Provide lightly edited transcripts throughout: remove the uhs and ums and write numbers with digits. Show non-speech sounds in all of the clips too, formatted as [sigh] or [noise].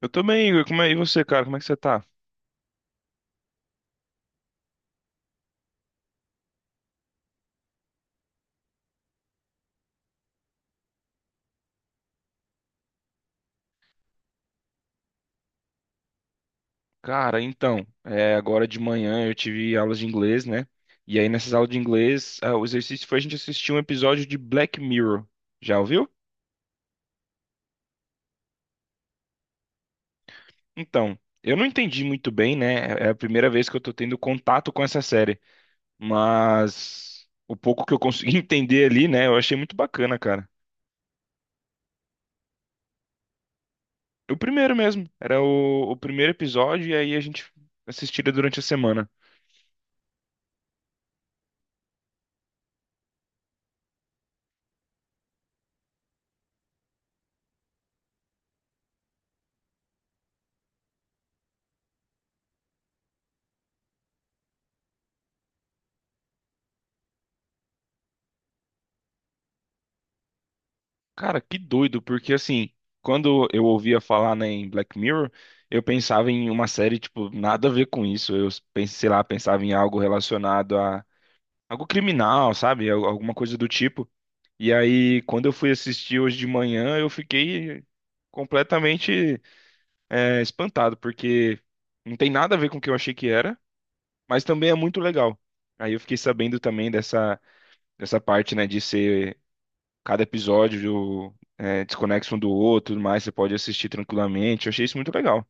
Eu também, Igor. Como é? E você, cara? Como é que você tá? Cara, então, agora de manhã eu tive aulas de inglês, né? E aí nessas aulas de inglês, o exercício foi a gente assistir um episódio de Black Mirror. Já ouviu? Então, eu não entendi muito bem, né? É a primeira vez que eu tô tendo contato com essa série, mas o pouco que eu consegui [laughs] entender ali, né? Eu achei muito bacana, cara. O primeiro mesmo, era o primeiro episódio e aí a gente assistia durante a semana. Cara, que doido, porque assim, quando eu ouvia falar, né, em Black Mirror, eu pensava em uma série, tipo, nada a ver com isso. Eu pensei, sei lá, pensava em algo relacionado a algo criminal, sabe? Alguma coisa do tipo. E aí, quando eu fui assistir hoje de manhã, eu fiquei completamente, é, espantado, porque não tem nada a ver com o que eu achei que era, mas também é muito legal. Aí eu fiquei sabendo também dessa parte, né, de ser cada episódio é desconexo um do outro, tudo mais você pode assistir tranquilamente. Eu achei isso muito legal.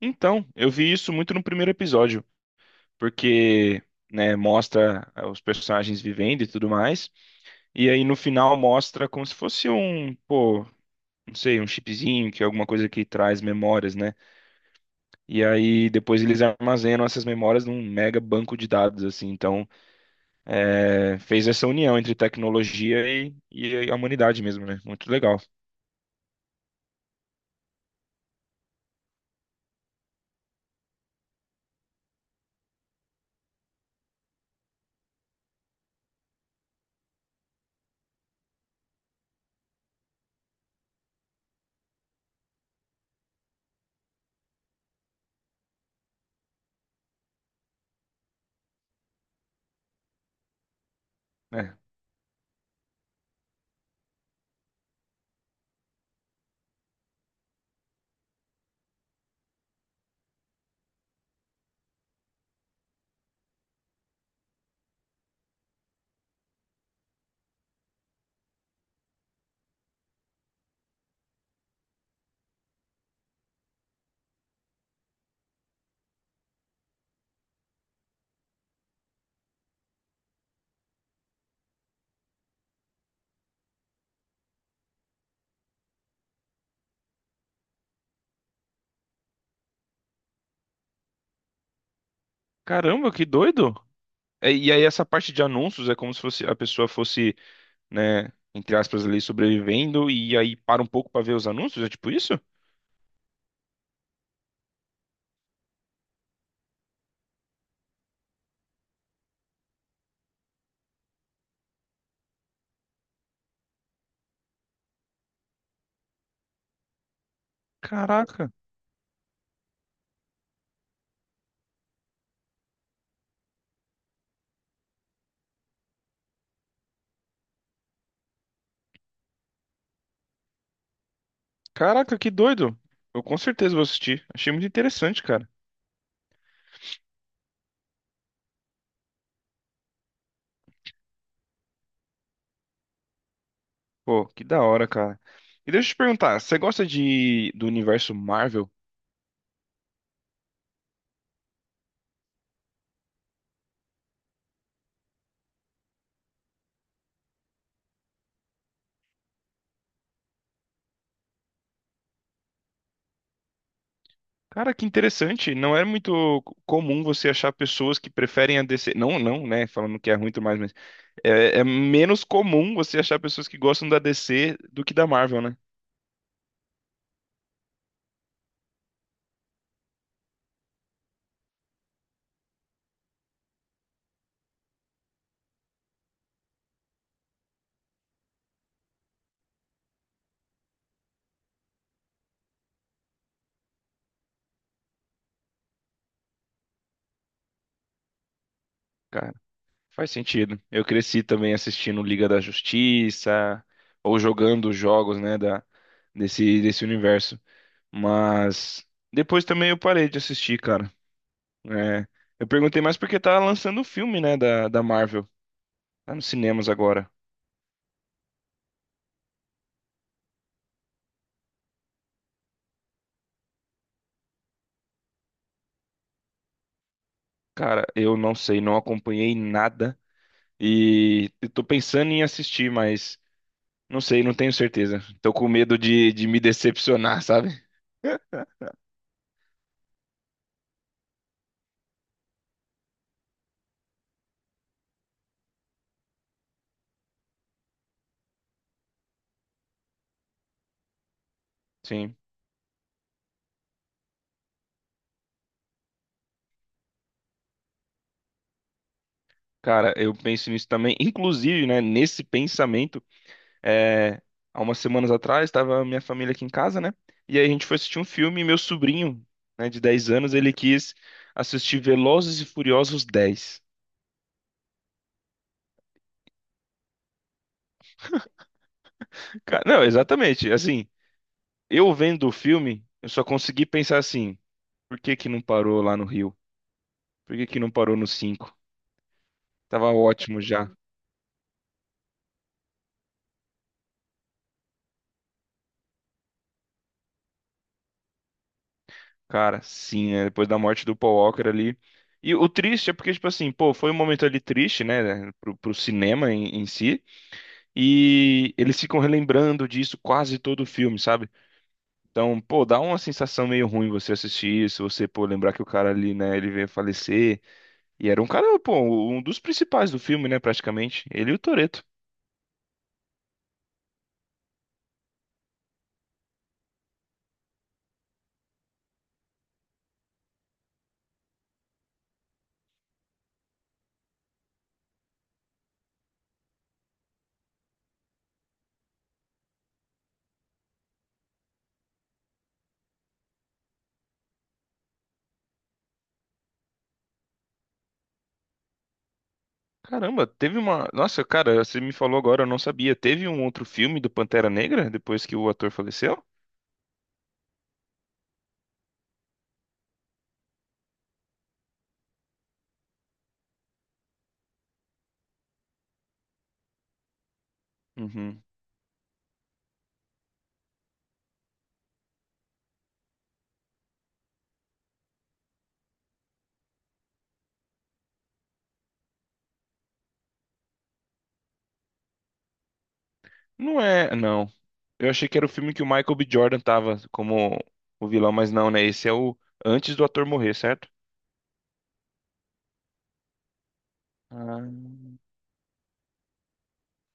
Então, eu vi isso muito no primeiro episódio, porque, né, mostra, os personagens vivendo e tudo mais, e aí no final mostra como se fosse um, pô, não sei, um chipzinho, que é alguma coisa que traz memórias, né? E aí depois eles armazenam essas memórias num mega banco de dados, assim. Então, fez essa união entre tecnologia e a humanidade mesmo, né? Muito legal. É. Caramba, que doido! É. E aí essa parte de anúncios é como se fosse a pessoa fosse, né, entre aspas ali sobrevivendo e aí para um pouco para ver os anúncios, é tipo isso? Caraca. Caraca, que doido. Eu com certeza vou assistir. Achei muito interessante, cara. Pô, que da hora, cara. E deixa eu te perguntar, você gosta de do universo Marvel? Cara, que interessante. Não é muito comum você achar pessoas que preferem a DC. Não, não, né? Falando que é ruim e tudo mais, mas é, é menos comum você achar pessoas que gostam da DC do que da Marvel, né? Faz sentido. Eu cresci também assistindo Liga da Justiça ou jogando os jogos, né, da desse desse universo. Mas depois também eu parei de assistir, cara. É, eu perguntei mais porque tá lançando o filme, né, da Marvel. Tá nos cinemas agora. Cara, eu não sei, não acompanhei nada e eu tô pensando em assistir, mas não sei, não tenho certeza. Tô com medo de me decepcionar, [laughs] sabe? Sim. Cara, eu penso nisso também. Inclusive, né, nesse pensamento. É, Há umas semanas atrás, estava minha família aqui em casa, né? E aí a gente foi assistir um filme e meu sobrinho, né, de 10 anos, ele quis assistir Velozes e Furiosos 10. Cara, não, exatamente. Assim, eu vendo o filme, eu só consegui pensar assim, por que que não parou lá no Rio? Por que que não parou no 5? Tava ótimo já. Cara, sim, né? Depois da morte do Paul Walker ali. E o triste é porque, tipo assim, pô, foi um momento ali triste, né? Pro, pro cinema em si. E eles ficam relembrando disso quase todo o filme, sabe? Então, pô, dá uma sensação meio ruim você assistir isso, você, pô, lembrar que o cara ali, né, ele veio a falecer. E era um cara, pô, um dos principais do filme, né, praticamente. Ele e o Toreto. Caramba, teve uma. Nossa, cara, você me falou agora, eu não sabia. Teve um outro filme do Pantera Negra depois que o ator faleceu? Uhum. Não é, não. Eu achei que era o filme que o Michael B. Jordan tava como o vilão, mas não, né? Esse é o antes do ator morrer, certo? Ah.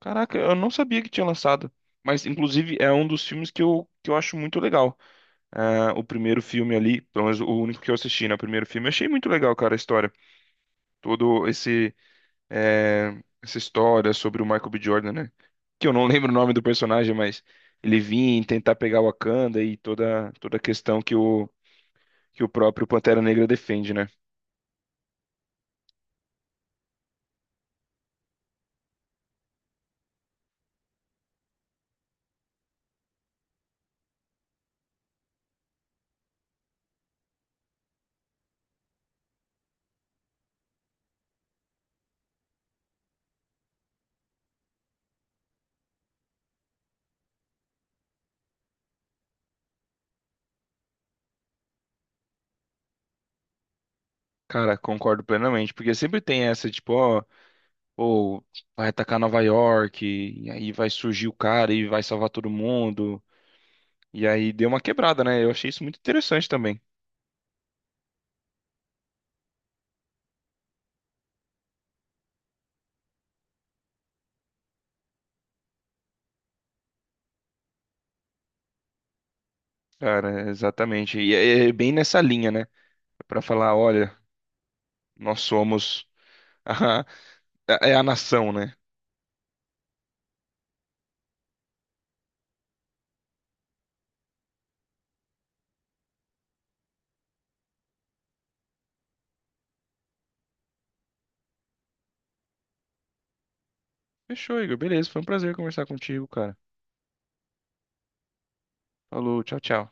Caraca, eu não sabia que tinha lançado. Mas, inclusive, é um dos filmes que eu acho muito legal. Ah, o primeiro filme ali, pelo menos o único que eu assisti, né? O primeiro filme, eu achei muito legal, cara, a história. Todo esse, Essa história sobre o Michael B. Jordan, né? Que eu não [laughs] lembro o nome do personagem, mas ele vinha em tentar pegar o Wakanda e toda a questão que o próprio Pantera Negra defende, né? Cara, concordo plenamente, porque sempre tem essa, tipo, ó. Ou vai atacar Nova York, e aí vai surgir o cara e vai salvar todo mundo. E aí deu uma quebrada, né? Eu achei isso muito interessante também. Cara, exatamente. E é é bem nessa linha, né? Pra falar, olha, nós somos [laughs] é a nação, né? Fechou, Igor. Beleza, foi um prazer conversar contigo, cara. Falou, tchau, tchau.